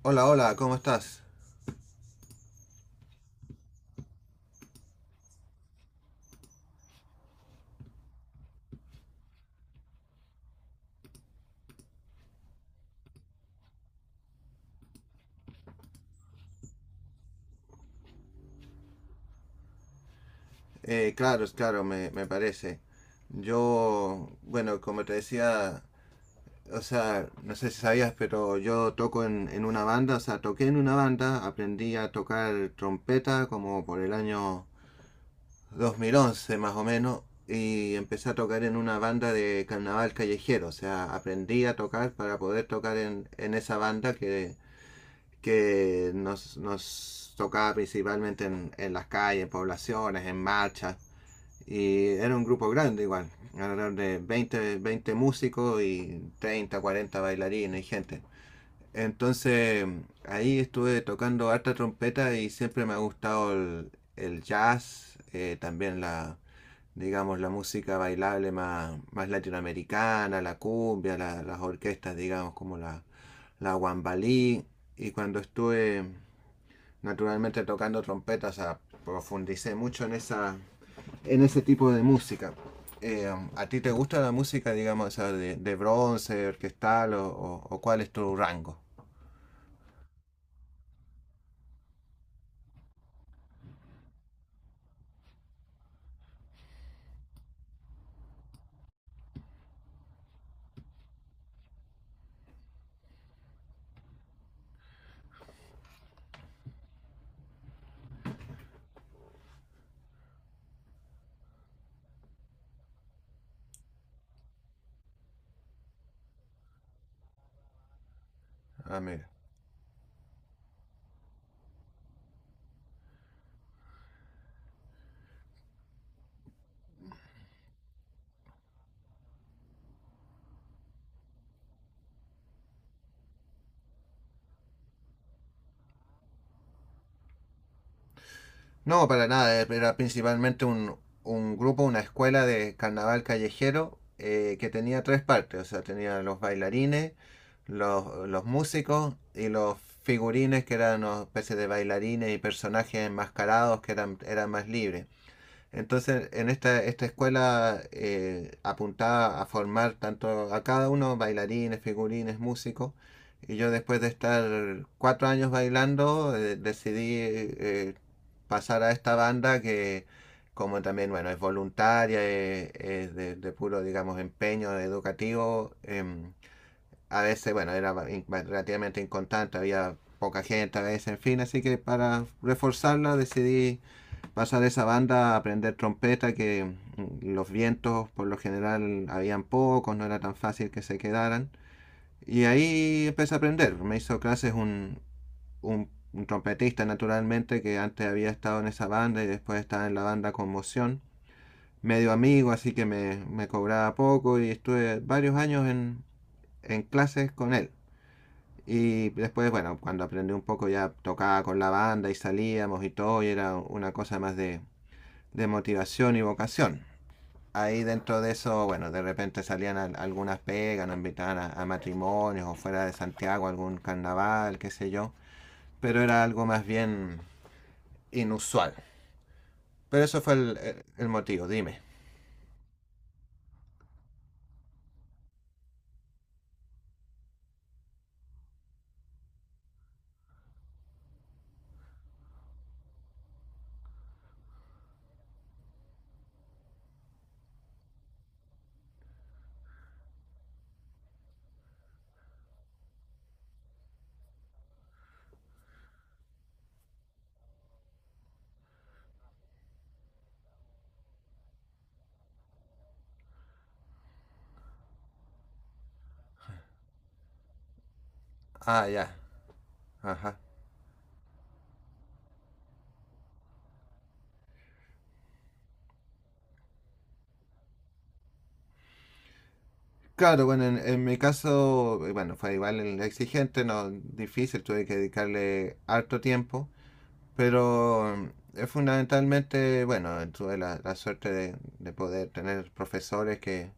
Hola, hola, ¿cómo estás? Claro, claro, me parece. Yo, bueno, como te decía, o sea, no sé si sabías, pero yo toco en una banda, o sea, toqué en una banda, aprendí a tocar trompeta como por el año 2011 más o menos, y empecé a tocar en una banda de carnaval callejero, o sea, aprendí a tocar para poder tocar en esa banda que nos tocaba principalmente en las calles, en poblaciones, en marchas. Y era un grupo grande igual, alrededor de veinte músicos y 30 40 bailarines y gente. Entonces ahí estuve tocando harta trompeta y siempre me ha gustado el jazz, también digamos, la música bailable más latinoamericana, la cumbia, las orquestas, digamos, como la guambalí. Y cuando estuve naturalmente tocando trompeta trompetas, profundicé mucho en ese tipo de música. ¿A ti te gusta la música, digamos, de bronce, orquestal o o- cuál es tu rango? Ah, mira. No, para nada, era principalmente un grupo, una escuela de carnaval callejero que tenía tres partes, o sea, tenía los bailarines, los músicos y los figurines que eran una especie de bailarines y personajes enmascarados eran más libres. Entonces, en esta escuela apuntaba a formar tanto a cada uno, bailarines, figurines, músicos. Y yo después de estar 4 años bailando, decidí pasar a esta banda que como también, bueno, es voluntaria, es de puro, digamos, empeño educativo. A veces, bueno, era relativamente inconstante, había poca gente a veces, en fin, así que para reforzarla decidí pasa de esa banda a aprender trompeta, que los vientos por lo general habían pocos, no era tan fácil que se quedaran. Y ahí empecé a aprender. Me hizo clases un trompetista, naturalmente, que antes había estado en esa banda y después estaba en la banda Conmoción. Medio amigo, así que me cobraba poco y estuve varios años en clases con él. Y después, bueno, cuando aprendí un poco ya tocaba con la banda y salíamos y todo, y era una cosa más de motivación y vocación. Ahí dentro de eso, bueno, de repente salían algunas pegas, nos invitaban a matrimonios o fuera de Santiago algún carnaval, qué sé yo. Pero era algo más bien inusual. Pero eso fue el motivo, dime. Ah, ya. Ajá. Claro, bueno, en mi caso, bueno, fue igual el exigente, no difícil, tuve que dedicarle harto tiempo, pero fundamentalmente, bueno, tuve la suerte de poder tener profesores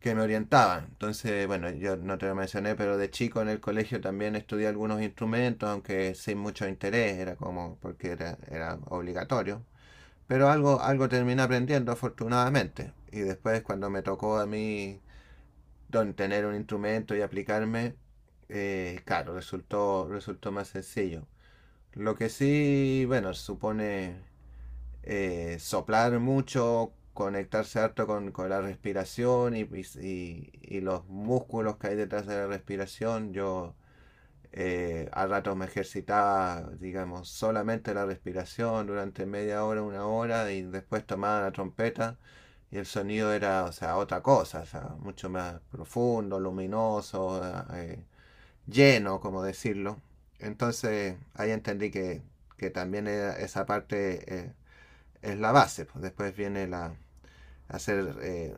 que me orientaban. Entonces, bueno, yo no te lo mencioné, pero de chico en el colegio también estudié algunos instrumentos, aunque sin mucho interés, era como porque era obligatorio. Pero algo terminé aprendiendo afortunadamente. Y después cuando me tocó a mí tener un instrumento y aplicarme, claro, resultó más sencillo. Lo que sí, bueno, supone soplar mucho, conectarse harto con la respiración y los músculos que hay detrás de la respiración. Yo a ratos me ejercitaba, digamos, solamente la respiración durante media hora, una hora y después tomaba la trompeta y el sonido era, o sea, otra cosa, o sea, mucho más profundo, luminoso, eh, lleno, como decirlo. Entonces ahí entendí que también esa parte es la base, pues. Después viene la hacer,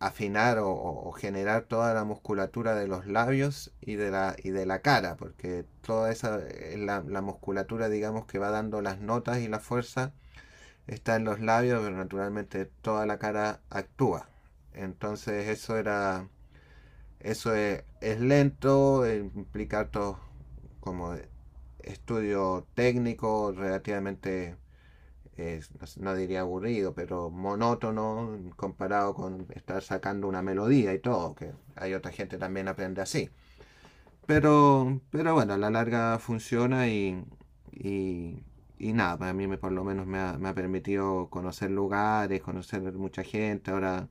afinar o generar toda la musculatura de los labios y de y de la cara, porque toda esa la musculatura, digamos, que va dando las notas y la fuerza está en los labios, pero naturalmente toda la cara actúa. Entonces eso es lento, implica harto como estudio técnico relativamente, eh, no diría aburrido, pero monótono comparado con estar sacando una melodía y todo, que hay otra gente también aprende así. Pero bueno, a la larga funciona y, y nada, por lo menos me ha permitido conocer lugares, conocer mucha gente. Ahora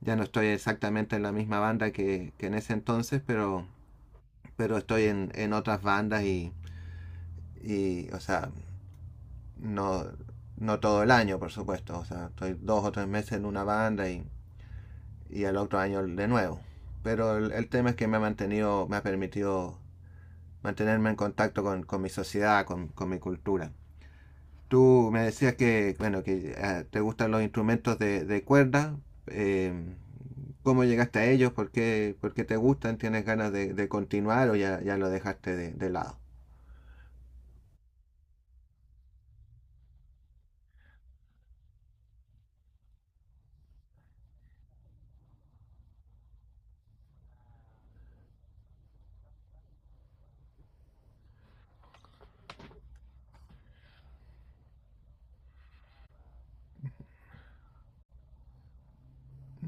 ya no estoy exactamente en la misma banda que en ese entonces, pero estoy en otras bandas o sea, no, no todo el año, por supuesto. O sea, estoy 2 o 3 meses en una banda y al otro año de nuevo. Pero tema es que me ha mantenido, me ha permitido mantenerme en contacto con mi sociedad, mi cultura. Tú me decías que, bueno, que te gustan los instrumentos de cuerda. Eh, ¿Cómo llegaste a ellos? Por qué te gustan? ¿Tienes ganas de continuar o ya lo dejaste de lado?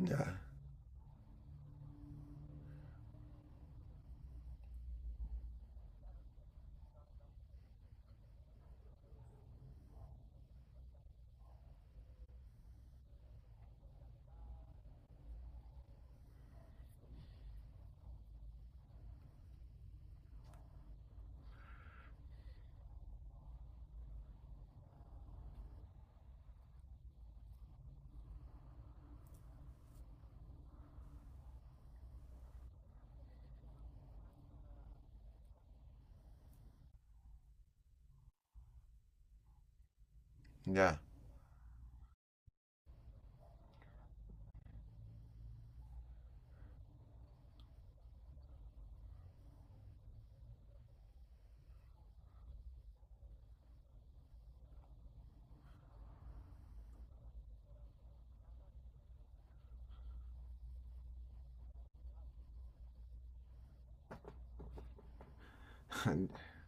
Ya, ya.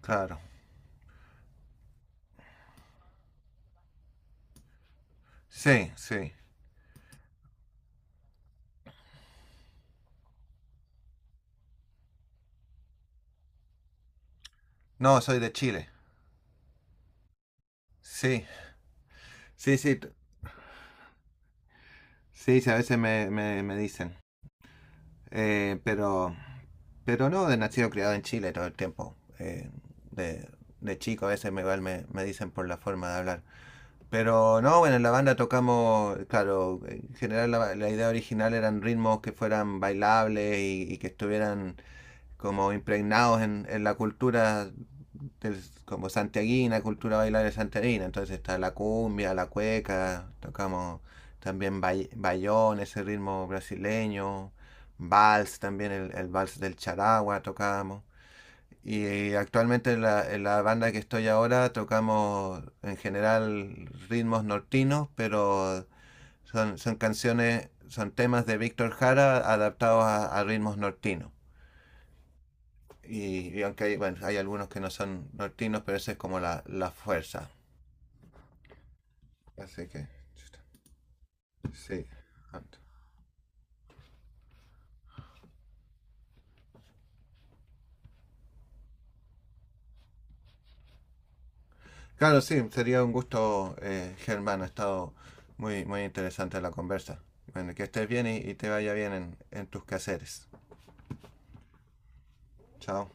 Claro. Sí, sí. No, soy de Chile. Sí, sí, sí. Sí, sí, a veces me dicen. Eh, pero, pero no, de nacido criado en Chile todo el tiempo. De, de chico a veces igual me dicen por la forma de hablar. Pero no, bueno, en la banda tocamos, claro, en general la idea original eran ritmos que fueran bailables y que estuvieran como impregnados en la cultura como santiaguina, cultura bailar santiaguina. Entonces está la cumbia, la cueca, tocamos también bayón, ese ritmo brasileño, vals también, el vals del charagua tocamos. Y actualmente en la banda que estoy ahora tocamos en general ritmos nortinos, pero son canciones, son temas de Víctor Jara adaptados a ritmos nortinos. Y aunque hay, bueno, hay algunos que no son nortinos, pero esa es como la fuerza. Así que, sí. Claro, sí, sería un gusto, Germán. Ha estado muy, muy interesante la conversa. Bueno, que estés bien y te vaya bien en tus quehaceres. Chao.